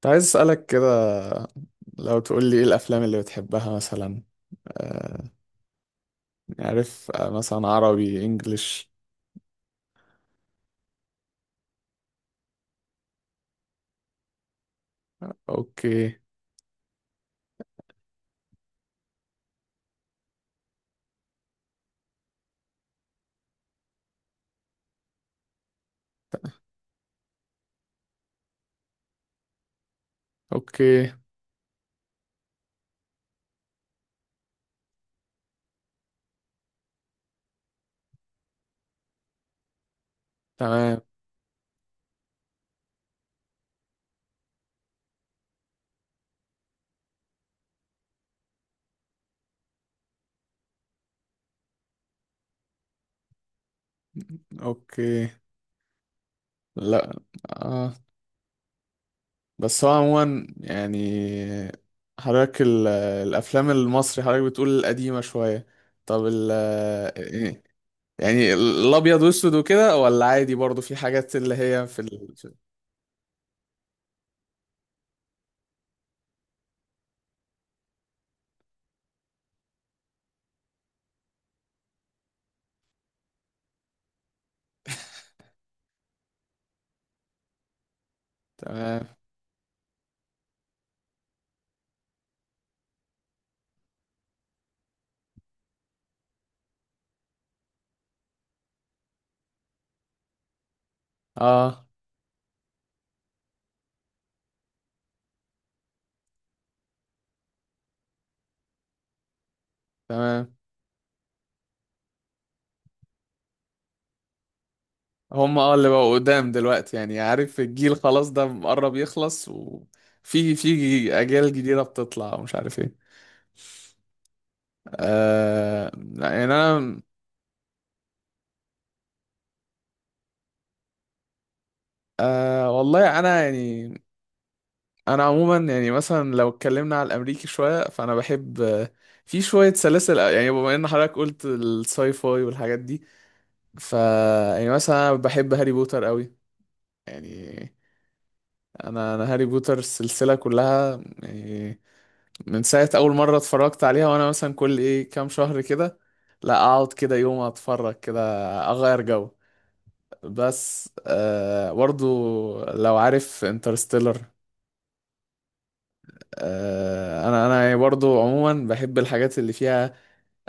كنت عايز أسألك كده. لو تقول لي إيه الأفلام اللي بتحبها مثلا؟ آه، عارف؟ آه، مثلا عربي إنجليش. أوكي. أوكي. تمام. أوكي. لا. آه. بس هو عموما يعني، حضرتك الأفلام المصري حضرتك بتقول القديمة شوية. طب، إيه؟ يعني الأبيض وأسود وكده، ولا عادي برضو في حاجات اللي هي تمام. آه. تمام. هم، اه اللي بقوا قدام دلوقتي يعني، عارف الجيل خلاص ده مقرب يخلص، وفي اجيال جديده بتطلع ومش عارف ايه. آه لا، يعني انا، آه والله انا يعني، انا عموما يعني مثلا لو اتكلمنا على الامريكي شويه فانا بحب، آه، في شويه سلاسل، يعني بما ان حضرتك قلت الساي فاي والحاجات دي، ف يعني مثلا أنا بحب هاري بوتر قوي. يعني انا هاري بوتر السلسله كلها يعني، من ساعة أول مرة اتفرجت عليها، وأنا مثلا كل إيه كام شهر كده لا أقعد كده يوم أتفرج كده أغير جو. بس آه برضو، لو عارف انترستيلر، آه، أنا برضو عموما بحب الحاجات اللي فيها،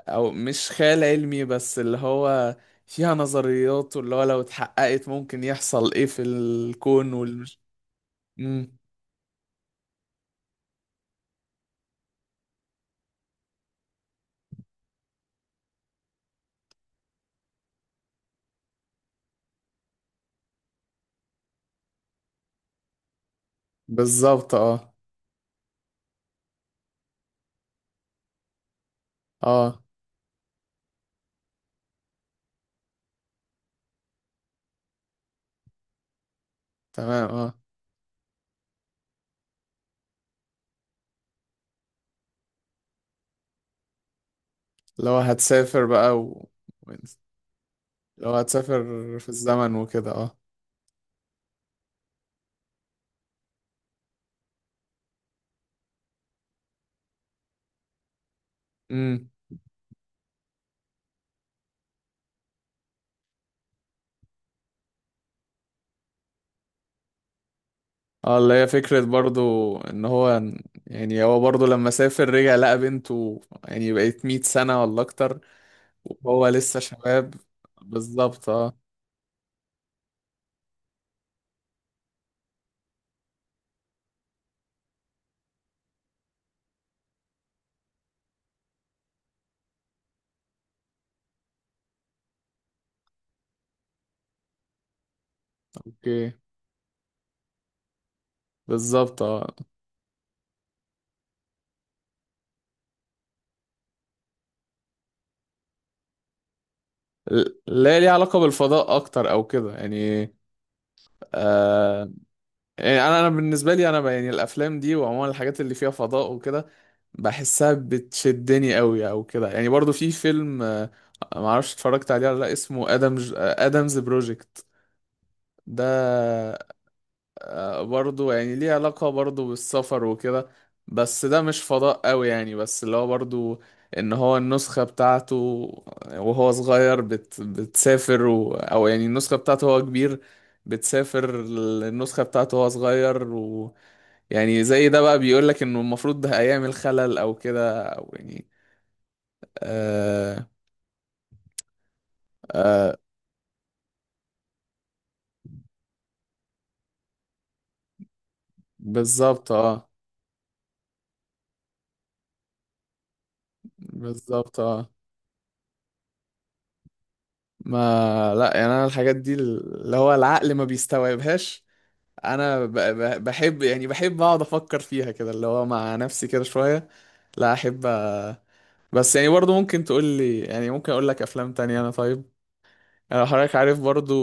أو مش خيال علمي بس اللي هو فيها نظريات، واللي هو لو اتحققت ممكن يحصل إيه في الكون والمش. مم. بالظبط اه. اه. تمام اه. اللي هو هتسافر بقى. و... لو هتسافر في الزمن وكده اه. امم. اه اللي هي فكرة برضو ان هو، يعني هو برضو لما سافر رجع لقى بنته يعني بقت 100 سنة ولا اكتر، وهو لسه شباب. بالظبط اه. اوكي. بالظبط اه. لا، ليه علاقة بالفضاء اكتر او كده يعني. آه. يعني انا بالنسبه لي، انا يعني الافلام دي وعموما الحاجات اللي فيها فضاء وكده بحسها بتشدني قوي او كده يعني. برضو في فيلم آه، ما اعرفش اتفرجت عليه ولا لا، اسمه ادمز، آه، ادمز بروجكت ده. آه، برضو يعني ليه علاقه برضو بالسفر وكده، بس ده مش فضاء قوي يعني، بس اللي هو برضو ان هو النسخه بتاعته وهو صغير بتسافر، و... او يعني النسخه بتاعته هو كبير بتسافر النسخة بتاعته وهو صغير. يعني زي ده بقى بيقول لك انه المفروض ده ايام الخلل او كده او يعني. آه. آه. بالظبط اه. بالظبط اه. ما لا يعني انا الحاجات دي اللي هو العقل ما بيستوعبهاش. انا بحب، يعني بحب اقعد افكر فيها كده اللي هو مع نفسي كده شوية. لا احب، آه، بس يعني برضو ممكن تقول لي، يعني ممكن اقول لك افلام تانية انا طيب. يعني لو حضرتك عارف برضو،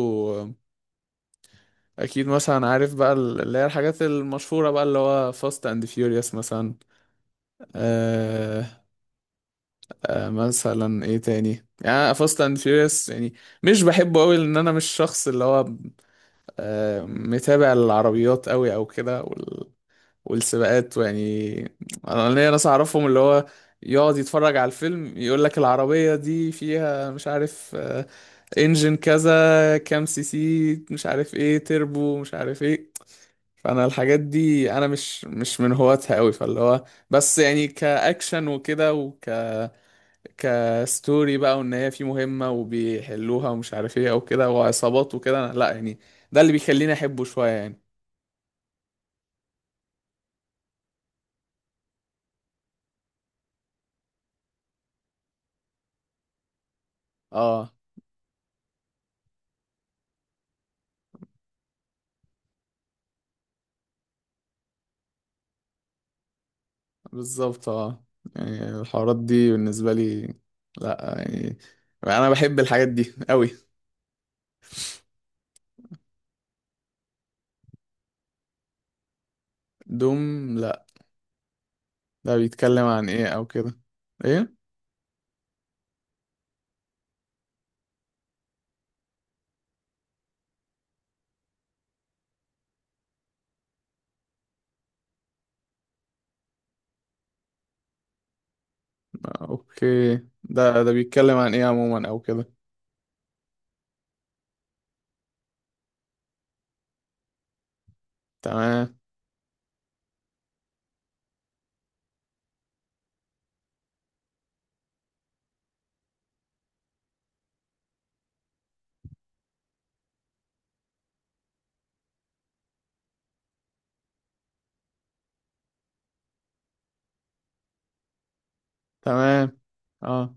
اكيد مثلا عارف بقى اللي هي الحاجات المشهورة بقى اللي هو فاست اند فيوريوس مثلا. آه. آه، مثلا ايه تاني يعني؟ فاست اند فيوريوس يعني مش بحبه قوي، لان انا مش شخص اللي هو آه متابع العربيات قوي او كده، وال... والسباقات ويعني. انا ليا ناس اعرفهم اللي هو يقعد يتفرج على الفيلم يقول لك العربية دي فيها مش عارف آه انجن كذا كام سي سي، مش عارف ايه تربو، مش عارف ايه. فانا الحاجات دي انا مش من هواتها قوي، فاللي هو بس يعني كاكشن وكده كستوري بقى، وان هي في مهمة وبيحلوها ومش عارف ايه او كده وعصابات وكده، لا يعني ده اللي بيخليني احبه شوية يعني. اه. بالظبط اه. يعني الحوارات دي بالنسبة لي، لا يعني انا بحب الحاجات دي قوي. دوم؟ لا. ده بيتكلم عن ايه او كده؟ ايه. آه، اوكي. ده بيتكلم عن ايه عموما او كده؟ تمام. تمام اه.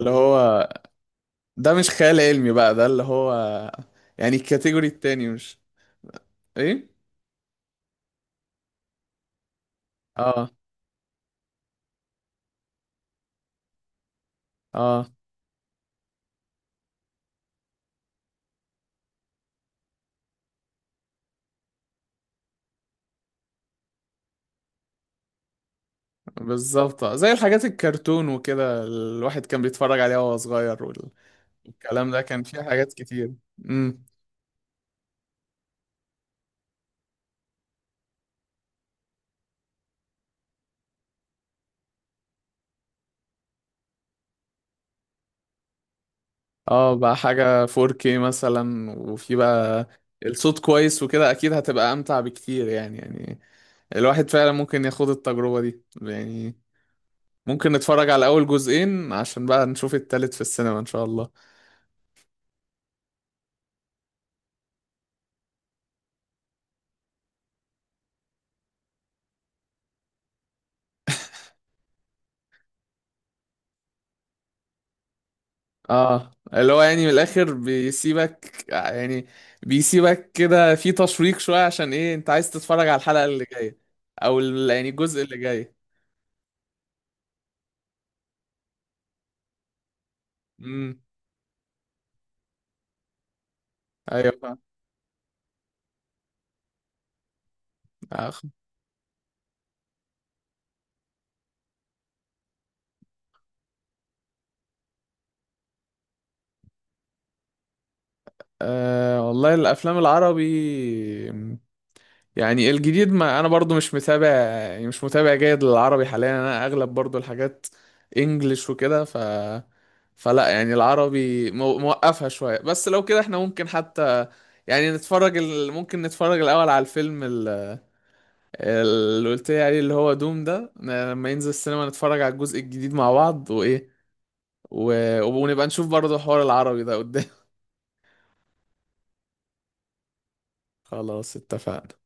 اللي هو ده مش خيال علمي بقى، ده اللي هو يعني الكاتيجوري التاني مش. ايه. اه. اه. بالظبط آه. زي الحاجات الكرتون وكده الواحد كان بيتفرج عليها وهو صغير، والكلام ده كان فيه حاجات كتير. امم. اه بقى حاجة 4K مثلا، وفي بقى الصوت كويس وكده، اكيد هتبقى امتع بكتير يعني، يعني الواحد فعلا ممكن ياخد التجربة دي يعني. ممكن نتفرج على اول جزئين عشان بقى نشوف التالت في السينما ان شاء الله. اه اللي هو يعني من الاخر بيسيبك يعني، بيسيبك كده في تشويق شويه، عشان ايه انت عايز تتفرج على الحلقه اللي جايه، يعني الجزء اللي جاي. امم. ايوه فاهم. آه. آه والله الافلام العربي، يعني الجديد ما انا برضو مش متابع، يعني مش متابع جيد للعربي حاليا، انا اغلب برضو الحاجات انجلش وكده، ف فلا يعني العربي موقفها شوية، بس لو كده احنا ممكن حتى يعني نتفرج ال، ممكن نتفرج الاول على الفيلم اللي قلت لي عليه اللي هو دوم ده لما ينزل السينما، نتفرج على الجزء الجديد مع بعض، وايه، و... ونبقى نشوف برضو حوار العربي ده قدام. خلاص اتفقنا.